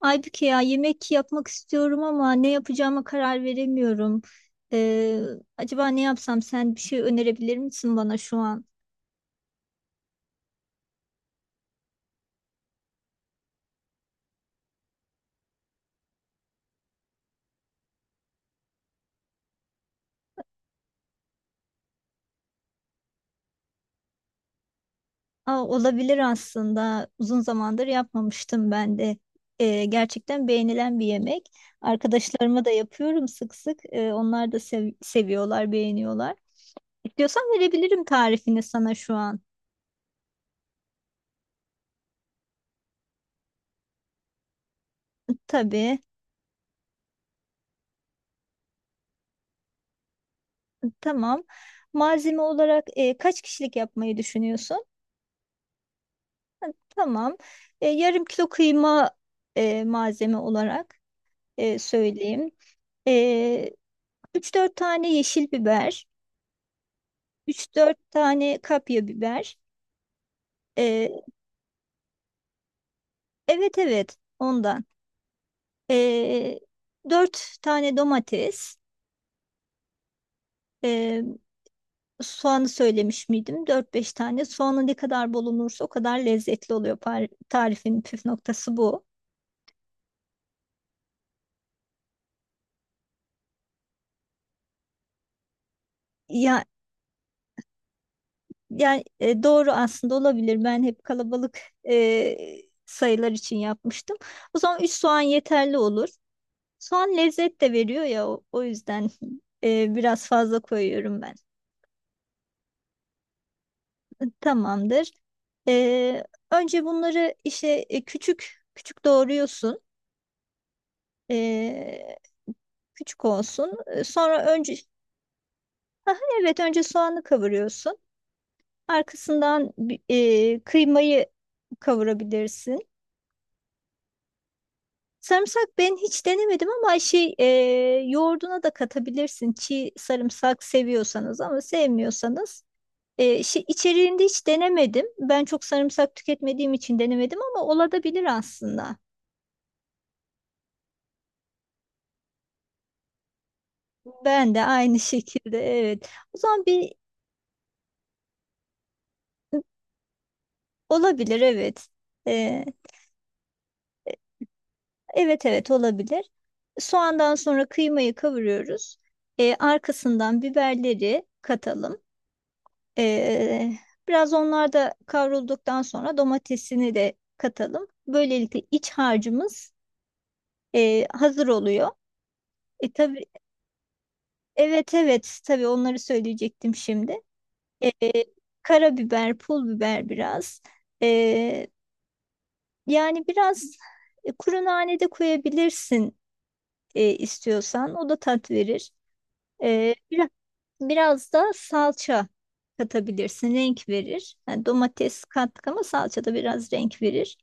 Aybüke ya yemek yapmak istiyorum ama ne yapacağıma karar veremiyorum. Ee, Acaba ne yapsam, sen bir şey önerebilir misin bana şu an? Aa, olabilir aslında. Uzun zamandır yapmamıştım ben de. Gerçekten beğenilen bir yemek. Arkadaşlarıma da yapıyorum sık sık. Onlar da seviyorlar, beğeniyorlar. İstiyorsan verebilirim tarifini sana şu an. Tabii. Tamam. Malzeme olarak kaç kişilik yapmayı düşünüyorsun? Tamam. Yarım kilo kıyma, malzeme olarak söyleyeyim. E, 3-4 tane yeşil biber, üç dört tane kapya biber. E, evet, evet, ondan. E, 4 tane domates. E, Soğanı söylemiş miydim? Dört beş tane. Soğanı ne kadar bol olursa o kadar lezzetli oluyor. Tarifin püf noktası bu. Ya, yani doğru, aslında olabilir. Ben hep kalabalık e, sayılar için yapmıştım. O zaman 3 soğan yeterli olur. Soğan lezzet de veriyor ya, o yüzden biraz fazla koyuyorum ben. Tamamdır. E, Önce bunları işte küçük küçük doğruyorsun. E, Küçük olsun. Sonra önce... Aha, evet, önce soğanı kavuruyorsun. Arkasından kıymayı kavurabilirsin. Sarımsak ben hiç denemedim ama şey, yoğurduna da katabilirsin çiğ sarımsak seviyorsanız, ama sevmiyorsanız şey, içeriğinde hiç denemedim. Ben çok sarımsak tüketmediğim için denemedim, ama olabilir aslında. Ben de aynı şekilde, evet. O zaman bir olabilir, evet. E, evet, evet, olabilir. Soğandan sonra kıymayı kavuruyoruz. Arkasından biberleri katalım. Ee, Biraz onlar da kavrulduktan sonra domatesini de katalım. Böylelikle iç harcımız hazır oluyor. Tabii, evet, evet, tabii onları söyleyecektim şimdi. E, Karabiber, pul biber biraz. E, Yani biraz kuru nane de koyabilirsin istiyorsan. O da tat verir. E, biraz, biraz da salça katabilirsin. Renk verir. Yani domates kattık ama salça da biraz renk verir.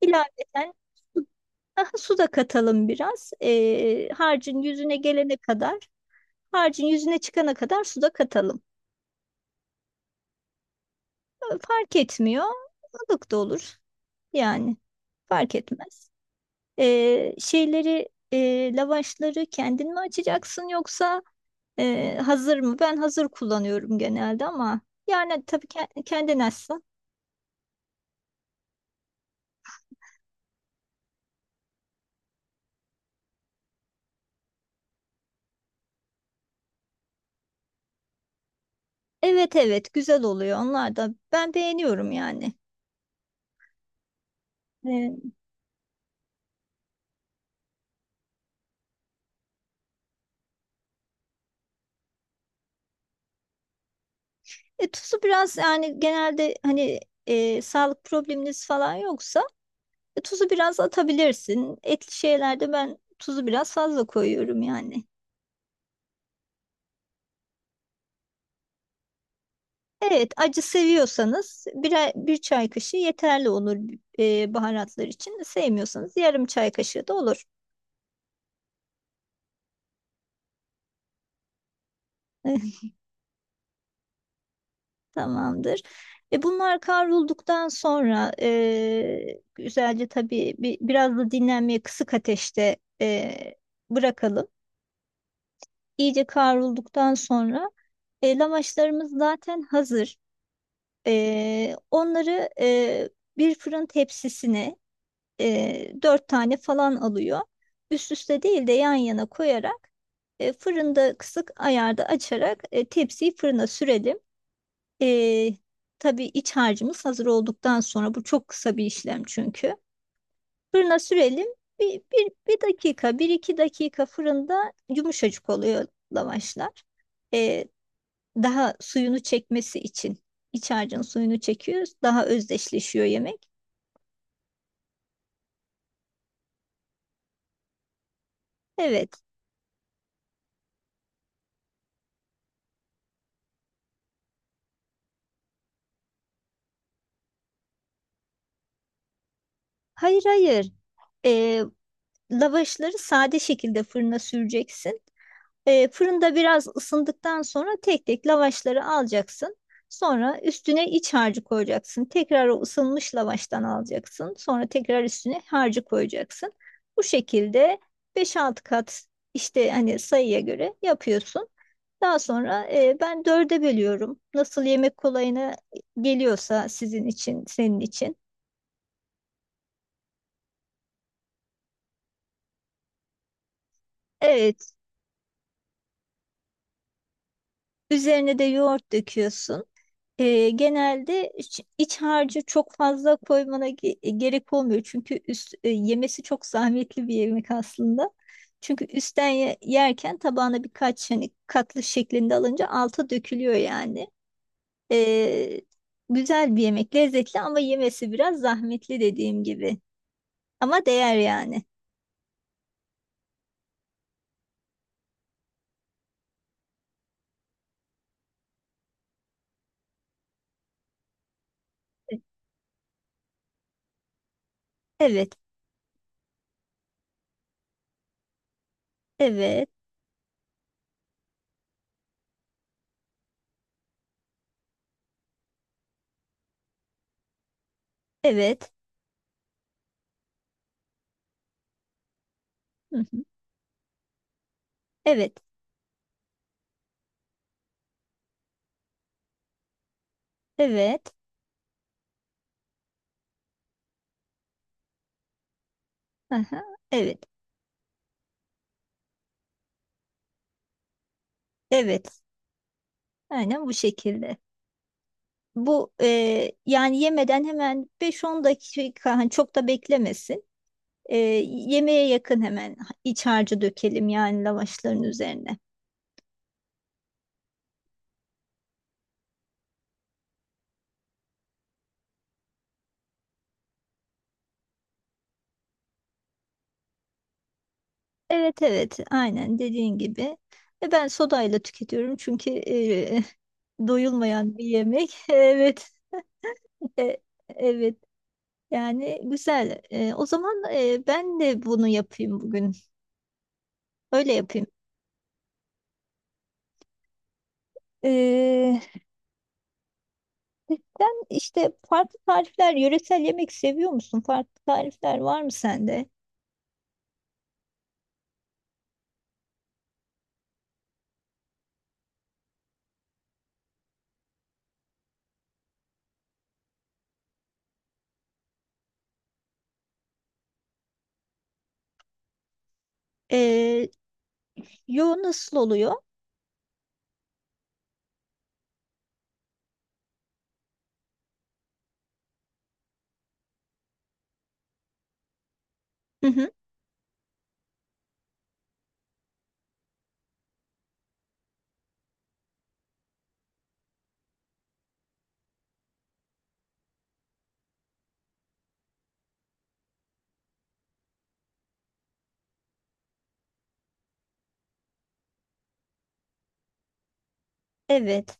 İlaveten su, daha su da katalım biraz. Harcın yüzüne çıkana kadar su da katalım. Fark etmiyor. Ilık da olur. Yani fark etmez. Lavaşları kendin mi açacaksın, yoksa hazır mı? Ben hazır kullanıyorum genelde, ama yani tabii kendin açsın. Evet, evet, güzel oluyor onlar da. Ben beğeniyorum yani. Ee, Tuzu biraz, yani genelde hani sağlık probleminiz falan yoksa tuzu biraz atabilirsin. Etli şeylerde ben tuzu biraz fazla koyuyorum yani. Evet, acı seviyorsanız bir çay kaşığı yeterli olur baharatlar için. Sevmiyorsanız yarım çay kaşığı da olur. Tamamdır. Bunlar kavrulduktan sonra güzelce tabii biraz da dinlenmeye kısık ateşte bırakalım. İyice kavrulduktan sonra lavaşlarımız zaten hazır. Onları bir fırın tepsisine dört tane falan alıyor. Üst üste değil de yan yana koyarak fırında kısık ayarda açarak tepsiyi fırına sürelim. E, tabii iç harcımız hazır olduktan sonra bu çok kısa bir işlem çünkü. Fırına sürelim. 1-2 dakika fırında yumuşacık oluyor lavaşlar. E, Daha suyunu çekmesi için. İç harcın suyunu çekiyor, daha özdeşleşiyor yemek. Evet. Hayır, hayır. Ee, Lavaşları sade şekilde fırına süreceksin. Fırında biraz ısındıktan sonra tek tek lavaşları alacaksın. Sonra üstüne iç harcı koyacaksın. Tekrar o ısınmış lavaştan alacaksın. Sonra tekrar üstüne harcı koyacaksın. Bu şekilde 5-6 kat, işte hani sayıya göre yapıyorsun. Daha sonra ben dörde bölüyorum. Nasıl yemek kolayına geliyorsa sizin için, senin için. Evet, üzerine de yoğurt döküyorsun. Genelde iç harcı çok fazla koymana gerek olmuyor. Çünkü yemesi çok zahmetli bir yemek aslında. Çünkü üstten yerken tabağına birkaç hani katlı şeklinde alınca alta dökülüyor yani. Ee, Güzel bir yemek, lezzetli, ama yemesi biraz zahmetli dediğim gibi. Ama değer yani. Evet, evet, evet, hı hı, evet, evet, aha, evet, evet. Aynen bu şekilde. Bu yani yemeden hemen 5-10 dakika hani çok da beklemesin. E, Yemeğe yakın hemen iç harcı dökelim yani lavaşların üzerine. Evet, evet, aynen dediğin gibi. Ve ben sodayla tüketiyorum, çünkü doyulmayan bir yemek. Evet, e, evet, yani güzel. O zaman ben de bunu yapayım bugün. Öyle yapayım. Ee, Sen işte farklı tarifler, yöresel yemek seviyor musun? Farklı tarifler var mı sende? Ee, Yo, nasıl oluyor? Hı hı. Evet.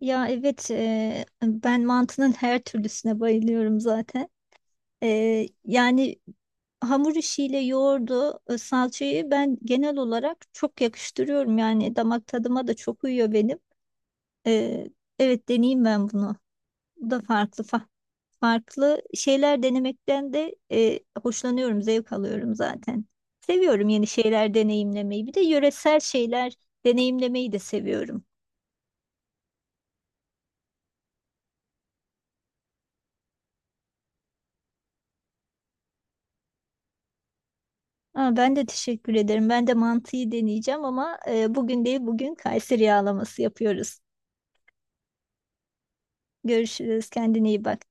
Ya, evet, ben mantının her türlüsüne bayılıyorum zaten. Yani hamur işiyle yoğurdu, salçayı ben genel olarak çok yakıştırıyorum. Yani damak tadıma da çok uyuyor benim. Ee, evet, deneyeyim ben bunu. Bu da farklı farklı şeyler denemekten de hoşlanıyorum, zevk alıyorum zaten. Seviyorum yeni şeyler deneyimlemeyi. Bir de yöresel şeyler deneyimlemeyi de seviyorum. Aa, ben de teşekkür ederim. Ben de mantıyı deneyeceğim, ama bugün değil, bugün Kayseri yağlaması yapıyoruz. Görüşürüz. Kendine iyi bak.